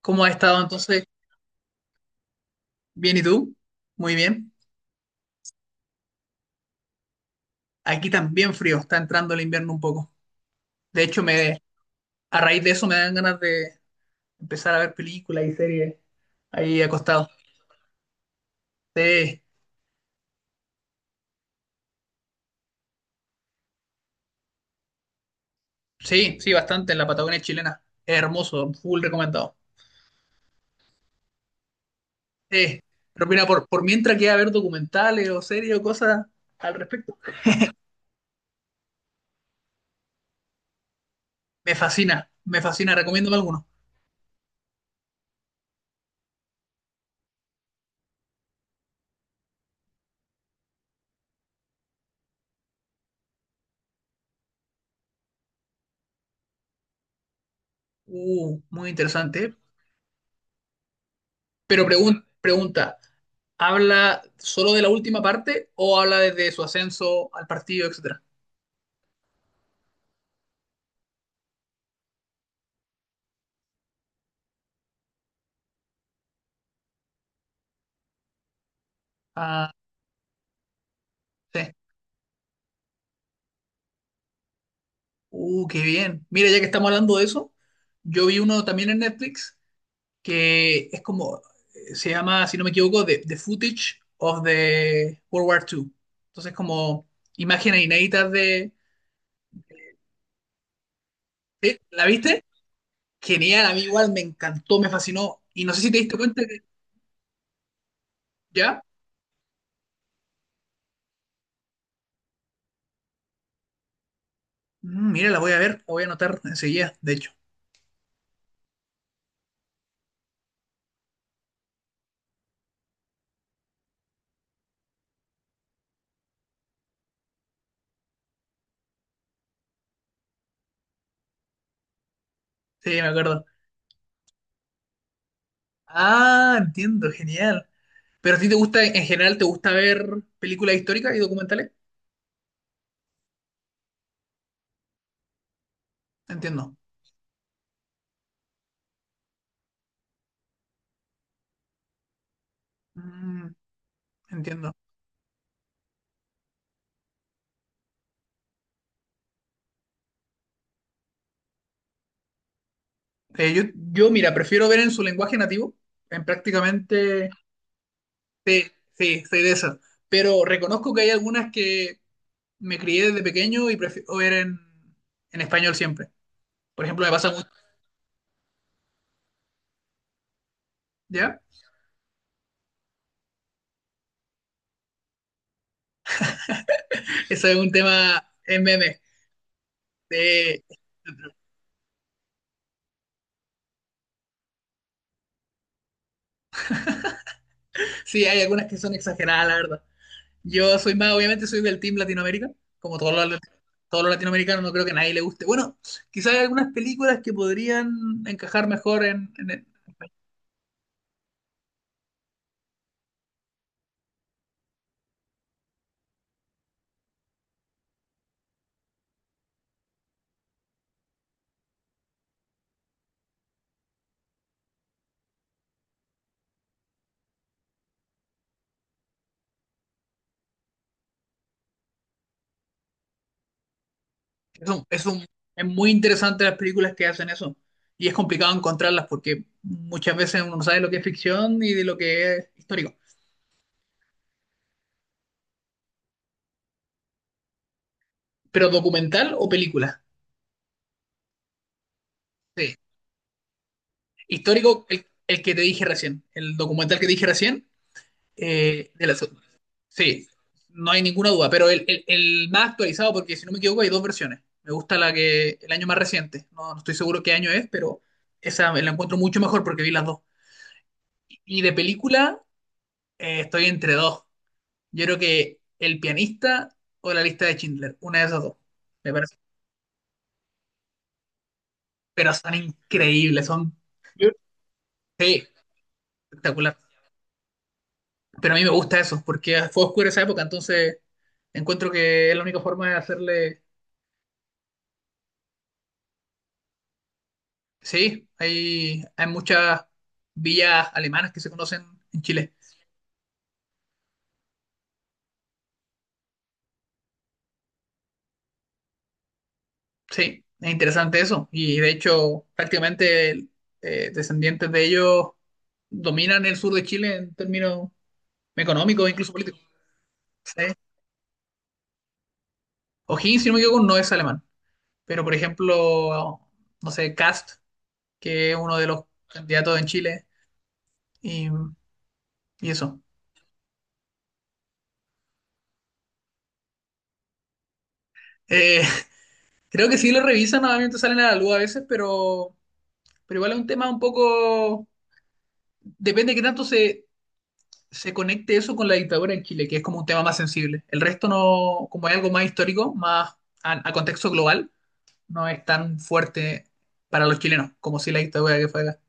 ¿Cómo ha estado entonces? Bien, ¿y tú? Muy bien. Aquí también frío, está entrando el invierno un poco. De hecho, me, a raíz de eso me dan ganas de empezar a ver películas y series ahí acostado. Sí, sí, sí, bastante en la Patagonia chilena. Es hermoso, full recomendado. Sí, pero mira, por mientras queda ver documentales o series o cosas al respecto, me fascina, recomiéndame alguno. Muy interesante, ¿eh? Pero pregunta, ¿habla solo de la última parte o habla desde su ascenso al partido, etcétera? Ah, sí. Qué bien. Mira, ya que estamos hablando de eso, yo vi uno también en Netflix que es como, se llama, si no me equivoco, The Footage of the World War two. Entonces, como imágenes inéditas de... ¿Sí? ¿La viste? Genial, a mí igual me encantó, me fascinó. Y no sé si te diste cuenta que ya... Mm, mira, la voy a ver, la voy a anotar enseguida, de hecho. Sí, me acuerdo. Ah, entiendo, genial. Pero a ti te gusta, en general, ¿te gusta ver películas históricas y documentales? Entiendo. Mm, entiendo. Eh, yo, mira, prefiero ver en su lenguaje nativo, en prácticamente... Sí, sí, soy de esas. Pero reconozco que hay algunas que me crié desde pequeño y prefiero ver en español siempre. Por ejemplo, me pasa mucho, ¿ya? Eso es un tema en meme. de- sí, hay algunas que son exageradas, la verdad. Yo soy más, obviamente soy del Team Latinoamérica, como todos los, todos los latinoamericanos, no creo que a nadie le guste. Bueno, quizás hay algunas películas que podrían encajar mejor en... es, un- es, un- es muy interesante las películas que hacen eso. Y es complicado encontrarlas porque muchas veces uno no sabe lo que es ficción y de lo que es histórico. Pero ¿documental o película? Sí. Histórico, el que te dije recién. El documental que te dije recién, de la... Sí, no hay ninguna duda, pero el más actualizado, porque si no me equivoco hay dos versiones. Me gusta la que el año más reciente, no, no estoy seguro qué año es, pero esa la encuentro mucho mejor porque vi las dos. Y de película estoy entre dos. Yo creo que El pianista o La lista de Schindler, una de esas dos, me parece. Pero son increíbles, son sí, espectacular. Pero a mí me gusta eso, porque fue oscuro esa época, entonces encuentro que es la única forma de hacerle. Sí, hay muchas villas alemanas que se conocen en Chile. Sí, es interesante eso. Y de hecho, prácticamente descendientes de ellos dominan el sur de Chile en términos económicos e incluso políticos. Sí. O'Higgins, si no me equivoco, no es alemán. Pero, por ejemplo, no sé, Kast, que es uno de los candidatos en Chile, y, y eso. Eh, creo que sí lo revisan, obviamente salen a la luz a veces, pero igual es un tema un poco, depende de qué tanto se conecte eso con la dictadura en Chile, que es como un tema más sensible. El resto no, como hay algo más histórico, más a contexto global, no es tan fuerte para los chilenos como si la dictadura que fue acá.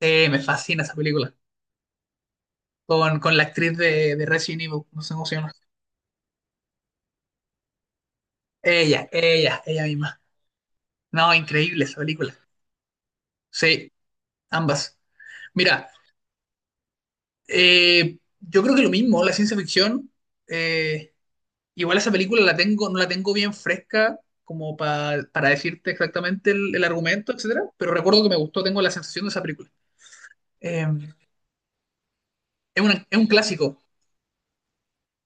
Sí, me fascina esa película. Con la actriz de Resident Evil, nos emociona. Ella misma. No, increíble esa película. Sí, ambas. Mira, yo creo que lo mismo, la ciencia ficción. eh, Igual esa película la tengo, no la tengo bien fresca como para decirte exactamente el argumento, etcétera, pero recuerdo que me gustó, tengo la sensación de esa película. Eh, es un clásico,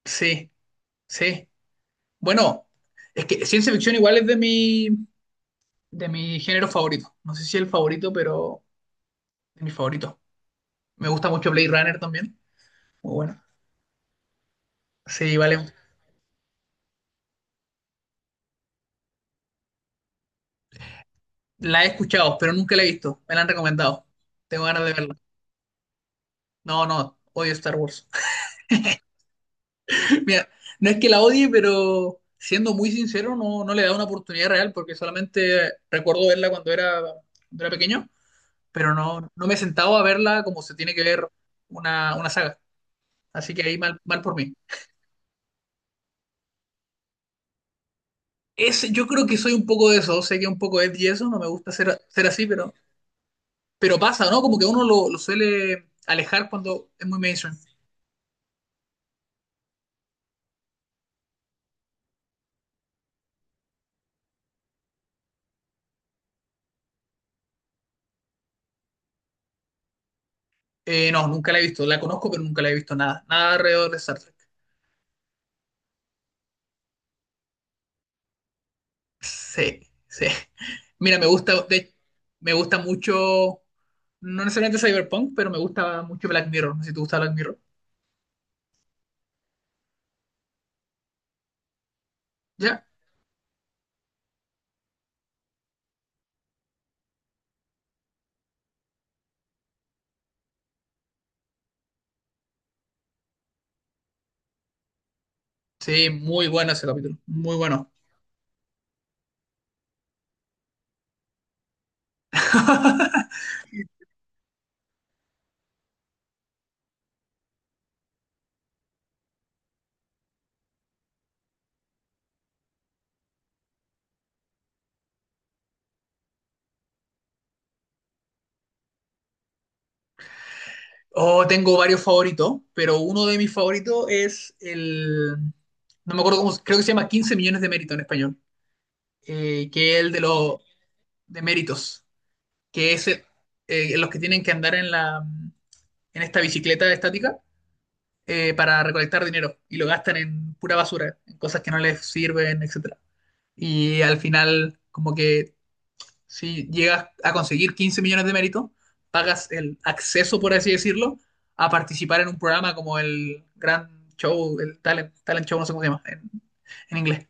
sí, sí. Bueno, es que ciencia ficción igual es de mi género favorito. No sé si el favorito, pero de mi favorito. Me gusta mucho Blade Runner también. Muy bueno. Sí, vale. La he escuchado, pero nunca la he visto. Me la han recomendado. Tengo ganas de verla. No, no, odio Star Wars. Mira, no es que la odie, pero siendo muy sincero, no, no le da una oportunidad real porque solamente recuerdo verla cuando era pequeño, pero no, no me he sentado a verla como se tiene que ver una saga. Así que ahí mal, mal por mí. Es, yo creo que soy un poco de eso, sé que un poco es y eso, no me gusta ser así, pero pasa, ¿no? Como que uno lo suele alejar cuando es muy mainstream. No, nunca la he visto, la conozco, pero nunca la he visto nada, nada alrededor de Star Trek. Sí, sí. Mira, me gusta, me gusta mucho, no necesariamente cyberpunk, pero me gusta mucho Black Mirror. No sé si te gusta Black Mirror. ¿Ya? Sí, muy bueno ese capítulo. Muy bueno. Oh, tengo varios favoritos, pero uno de mis favoritos es el, no me acuerdo cómo, creo que se llama 15 millones de mérito en español, que es el de los de méritos, que es los que tienen que andar en la, en esta bicicleta estática para recolectar dinero y lo gastan en pura basura, en cosas que no les sirven, etcétera. Y al final, como que si llegas a conseguir 15 millones de méritos, pagas el acceso, por así decirlo, a participar en un programa como el Gran Show, el Talent, Talent Show, no sé cómo se llama en inglés.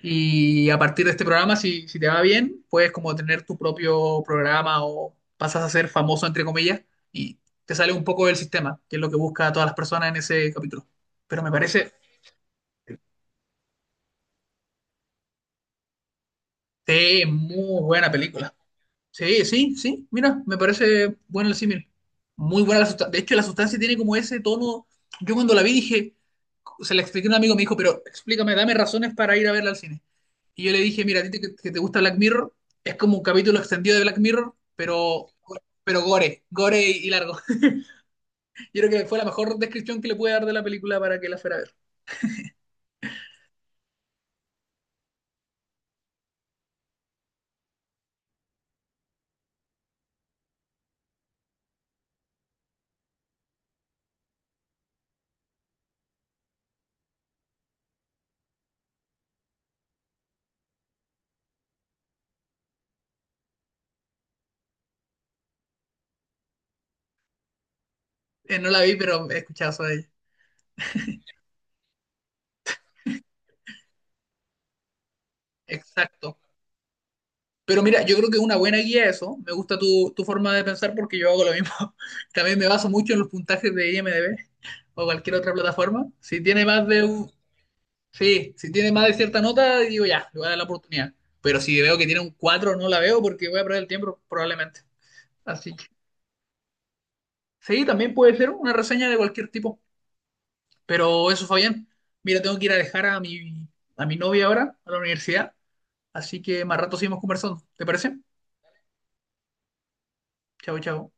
Y a partir de este programa, si, si te va bien, puedes como tener tu propio programa o pasas a ser famoso, entre comillas, y te sale un poco del sistema, que es lo que busca a todas las personas en ese capítulo. Pero me parece muy buena película. Sí, sí, sí, mira, me parece buena el símil. Muy buena La sustancia. De hecho, La sustancia tiene como ese tono. Yo cuando la vi dije, se la expliqué a un amigo, me dijo, pero explícame, dame razones para ir a verla al cine. Y yo le dije, mira, a ti que te gusta Black Mirror, es como un capítulo extendido de Black Mirror, pero gore, gore y largo. Yo creo que fue la mejor descripción que le pude dar de la película para que la fuera a ver. No la vi, pero he escuchado sobre ella. Exacto. Pero mira, yo creo que es una buena guía eso. Me gusta tu, tu forma de pensar porque yo hago lo mismo. También me baso mucho en los puntajes de IMDb o cualquier otra plataforma. Si tiene más de un... Sí, si tiene más de cierta nota, digo ya, le voy a dar la oportunidad. Pero si veo que tiene un 4 no la veo porque voy a perder el tiempo probablemente. Así que sí, también puede ser una reseña de cualquier tipo. Pero eso, Fabián. Mira, tengo que ir a dejar a mi novia ahora a la universidad. Así que más rato seguimos conversando. ¿Te parece? Chao, chao.